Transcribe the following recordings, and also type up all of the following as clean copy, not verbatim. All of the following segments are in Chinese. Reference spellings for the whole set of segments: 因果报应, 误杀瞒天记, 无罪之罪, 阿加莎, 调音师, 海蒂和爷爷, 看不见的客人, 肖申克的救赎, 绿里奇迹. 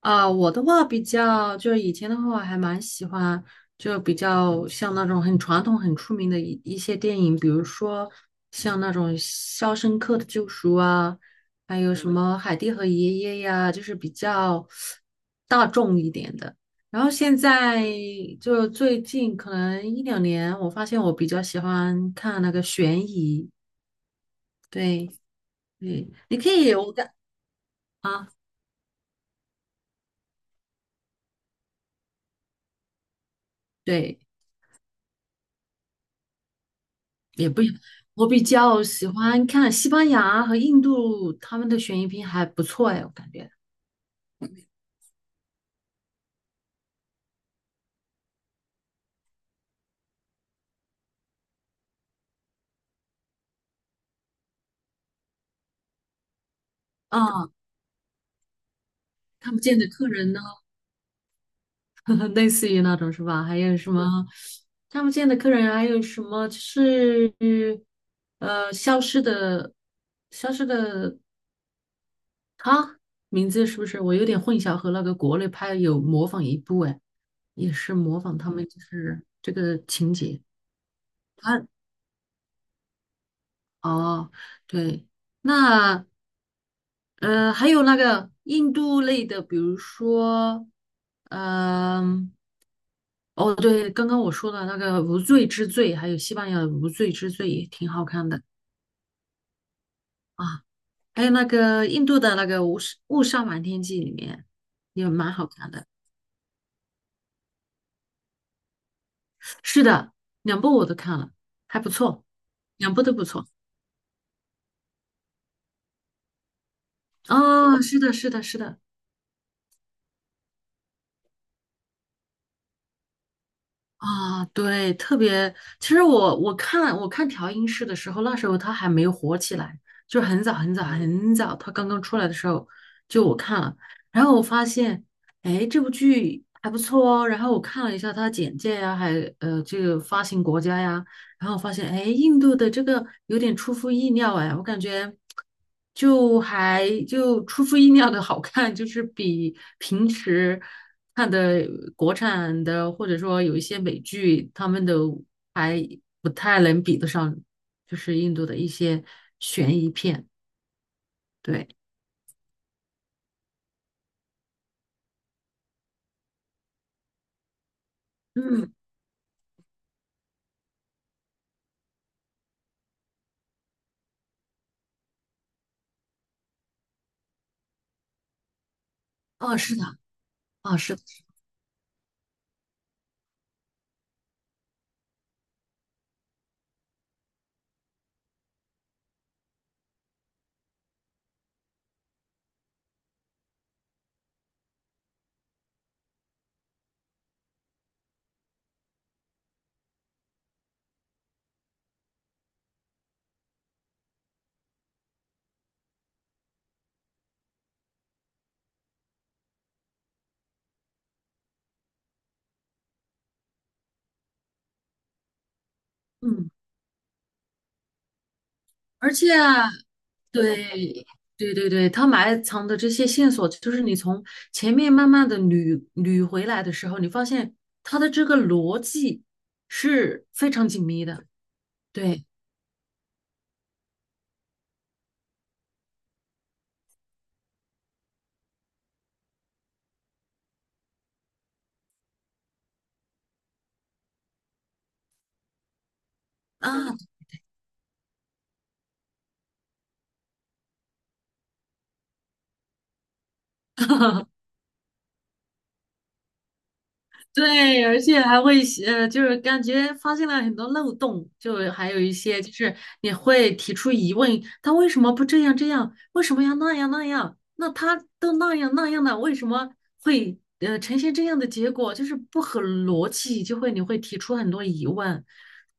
啊，我的话比较，就是以前的话，我还蛮喜欢，就比较像那种很传统、很出名的一些电影，比如说像那种《肖申克的救赎》啊，还有什么《海蒂和爷爷》呀，就是比较大众一点的。然后现在就最近可能一两年，我发现我比较喜欢看那个悬疑，对，对，你可以，啊，对。也不，我比较喜欢看西班牙和印度他们的悬疑片还不错哎，我感觉啊，看不见的客人呢，类似于那种是吧？还有什么看不见的客人，还有什么就是呃消失的消失的他名字是不是？我有点混淆，和那个国内拍有模仿一部哎，也是模仿他们就是这个情节，他哦，对，那还有那个印度类的，比如说，嗯、哦，对，刚刚我说的那个《无罪之罪》，还有西班牙的《无罪之罪》也挺好看的啊，还有那个印度的那个《误杀瞒天记》里面也蛮好看的。是的，两部我都看了，还不错，两部都不错。哦，是的，是的，是的。啊，对，特别，其实我看调音师的时候，那时候他还没有火起来，就是很早很早很早，他刚刚出来的时候，就我看了，然后我发现，哎，这部剧还不错哦，然后我看了一下它的简介呀，还这个发行国家呀，然后我发现，哎，印度的这个有点出乎意料，哎，我感觉就还就出乎意料的好看，就是比平时看的国产的或者说有一些美剧，他们的还不太能比得上，就是印度的一些悬疑片。对，嗯，哦，是的，哦，是的，嗯，而且。对，对对对，他埋藏的这些线索，就是你从前面慢慢的捋捋回来的时候，你发现他的这个逻辑是非常紧密的。对啊，对，而且还会就是感觉发现了很多漏洞，就还有一些就是你会提出疑问，他为什么不这样这样？为什么要那样那样？那他都那样那样了，为什么会呈现这样的结果？就是不合逻辑，就会你会提出很多疑问。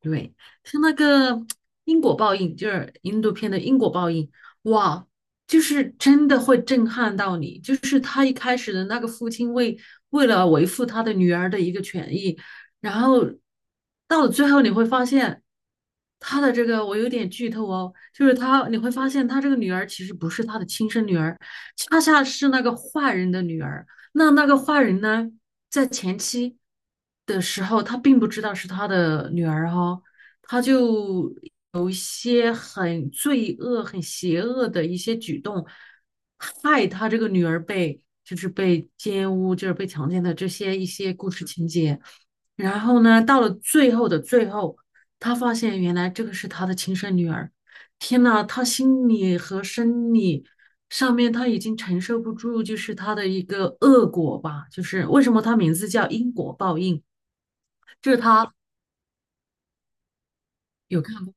对，像那个因果报应，就是印度片的因果报应，哇，就是真的会震撼到你，就是他一开始的那个父亲为了维护他的女儿的一个权益，然后到了最后你会发现，他的这个我有点剧透哦，就是他你会发现他这个女儿其实不是他的亲生女儿，恰恰是那个坏人的女儿。那个坏人呢，在前期的时候他并不知道是他的女儿哈、哦他就有一些很罪恶、很邪恶的一些举动，害他这个女儿被就是被奸污，就是被强奸的这些一些故事情节。然后呢，到了最后的最后，他发现原来这个是他的亲生女儿。天呐，他心理和生理上面他已经承受不住，就是他的一个恶果吧。就是为什么他名字叫因果报应，就是他有看过。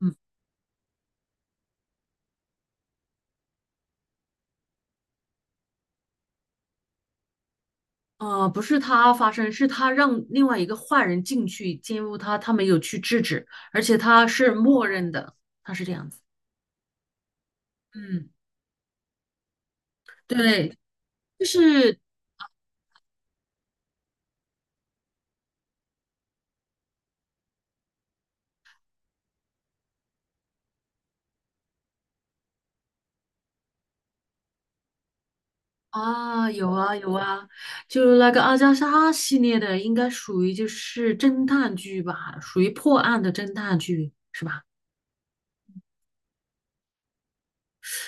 嗯啊，不是他发生，是他让另外一个坏人进去奸污他，他没有去制止，而且他是默认的，他是这样子。嗯，对，就是啊，有啊有啊，就那个阿加莎系列的，应该属于就是侦探剧吧，属于破案的侦探剧。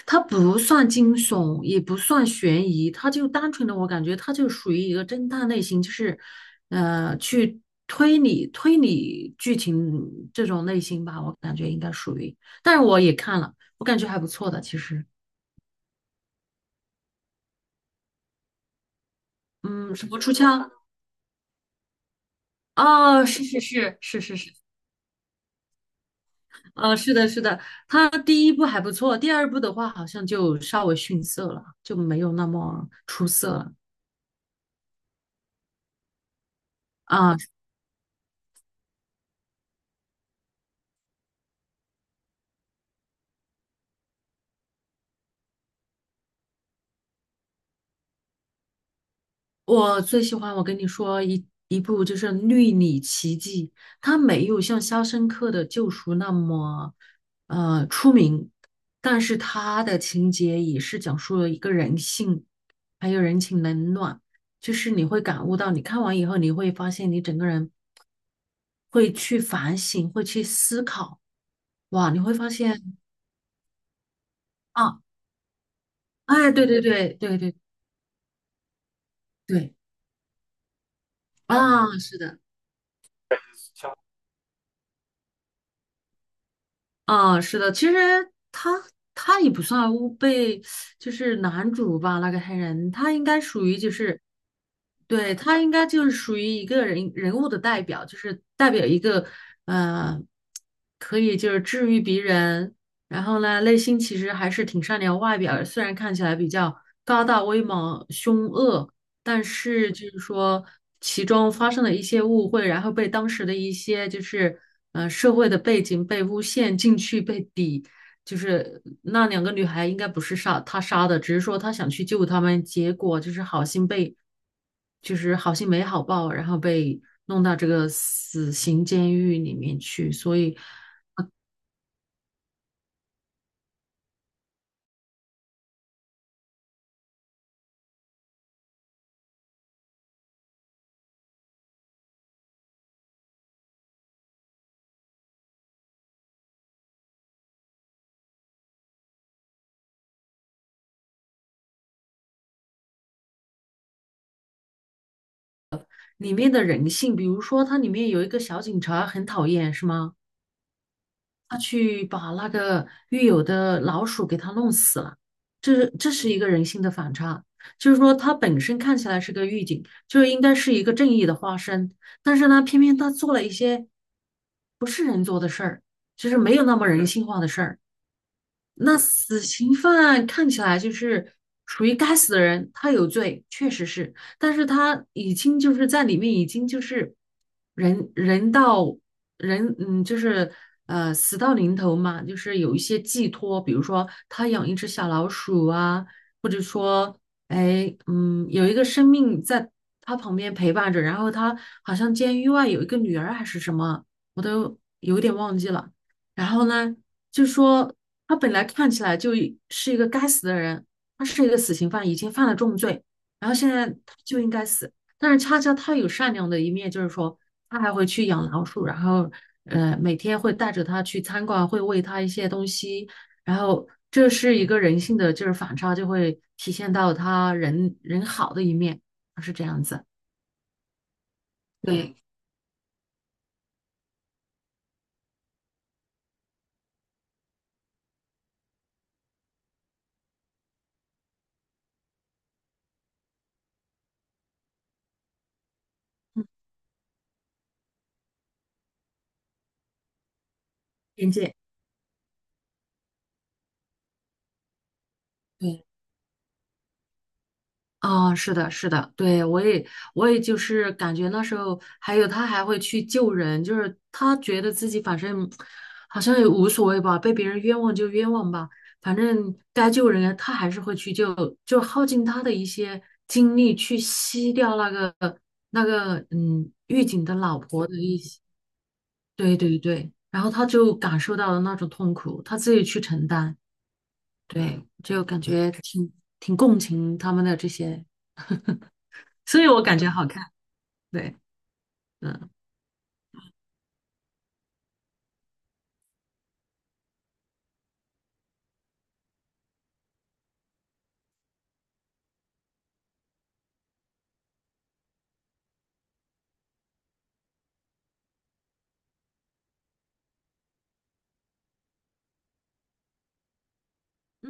它不算惊悚，也不算悬疑，它就单纯的，我感觉它就属于一个侦探类型，就是，去推理推理剧情这种类型吧，我感觉应该属于。但是我也看了，我感觉还不错的，其实，嗯，什么出鞘？哦，是是是是是是，是的，是的，它第一部还不错，第二部的话好像就稍微逊色了，就没有那么出色了啊。我最喜欢，我跟你说一部就是《绿里奇迹》，它没有像《肖申克的救赎》那么出名，但是它的情节也是讲述了一个人性，还有人情冷暖，就是你会感悟到，你看完以后你会发现你整个人会去反省，会去思考，哇，你会发现啊，哎，对对对对对对啊，是的。啊，是的，其实他也不算欧被，就是男主吧，那个黑人，他应该属于就是，对，他应该就是属于一个人物的代表，就是代表一个呃，可以就是治愈别人，然后呢，内心其实还是挺善良，外表虽然看起来比较高大威猛、凶恶。但是就是说其中发生了一些误会，然后被当时的一些就是社会的背景被诬陷进去被抵，就是那两个女孩应该不是杀他杀的，只是说他想去救他们，结果就是好心被就是好心没好报，然后被弄到这个死刑监狱里面去，所以里面的人性，比如说它里面有一个小警察很讨厌，是吗？他去把那个狱友的老鼠给他弄死了，这是一个人性的反差。就是说，他本身看起来是个狱警，就应该是一个正义的化身，但是呢，偏偏他做了一些不是人做的事儿，就是没有那么人性化的事儿。那死刑犯看起来就是属于该死的人，他有罪，确实是，但是他已经就是在里面已经就是人人到人，嗯，就是死到临头嘛，就是有一些寄托，比如说他养一只小老鼠啊，或者说哎有一个生命在他旁边陪伴着，然后他好像监狱外有一个女儿还是什么，我都有点忘记了。然后呢，就说他本来看起来就是一个该死的人，他是一个死刑犯，已经犯了重罪，然后现在他就应该死。但是恰恰他有善良的一面，就是说他还会去养老鼠，然后每天会带着他去餐馆，会喂他一些东西，然后这是一个人性的就是反差，就会体现到他人人好的一面，他是这样子。对边界，对，啊，是的，是的，对，我也，我也就是感觉那时候，还有他还会去救人，就是他觉得自己反正好像也无所谓吧，被别人冤枉就冤枉吧，反正该救人他还是会去救，就耗尽他的一些精力去吸掉那个那个狱警的老婆的一些，对对对，然后他就感受到了那种痛苦，他自己去承担，对，就感觉挺共情他们的这些。所以我感觉好看。对，嗯，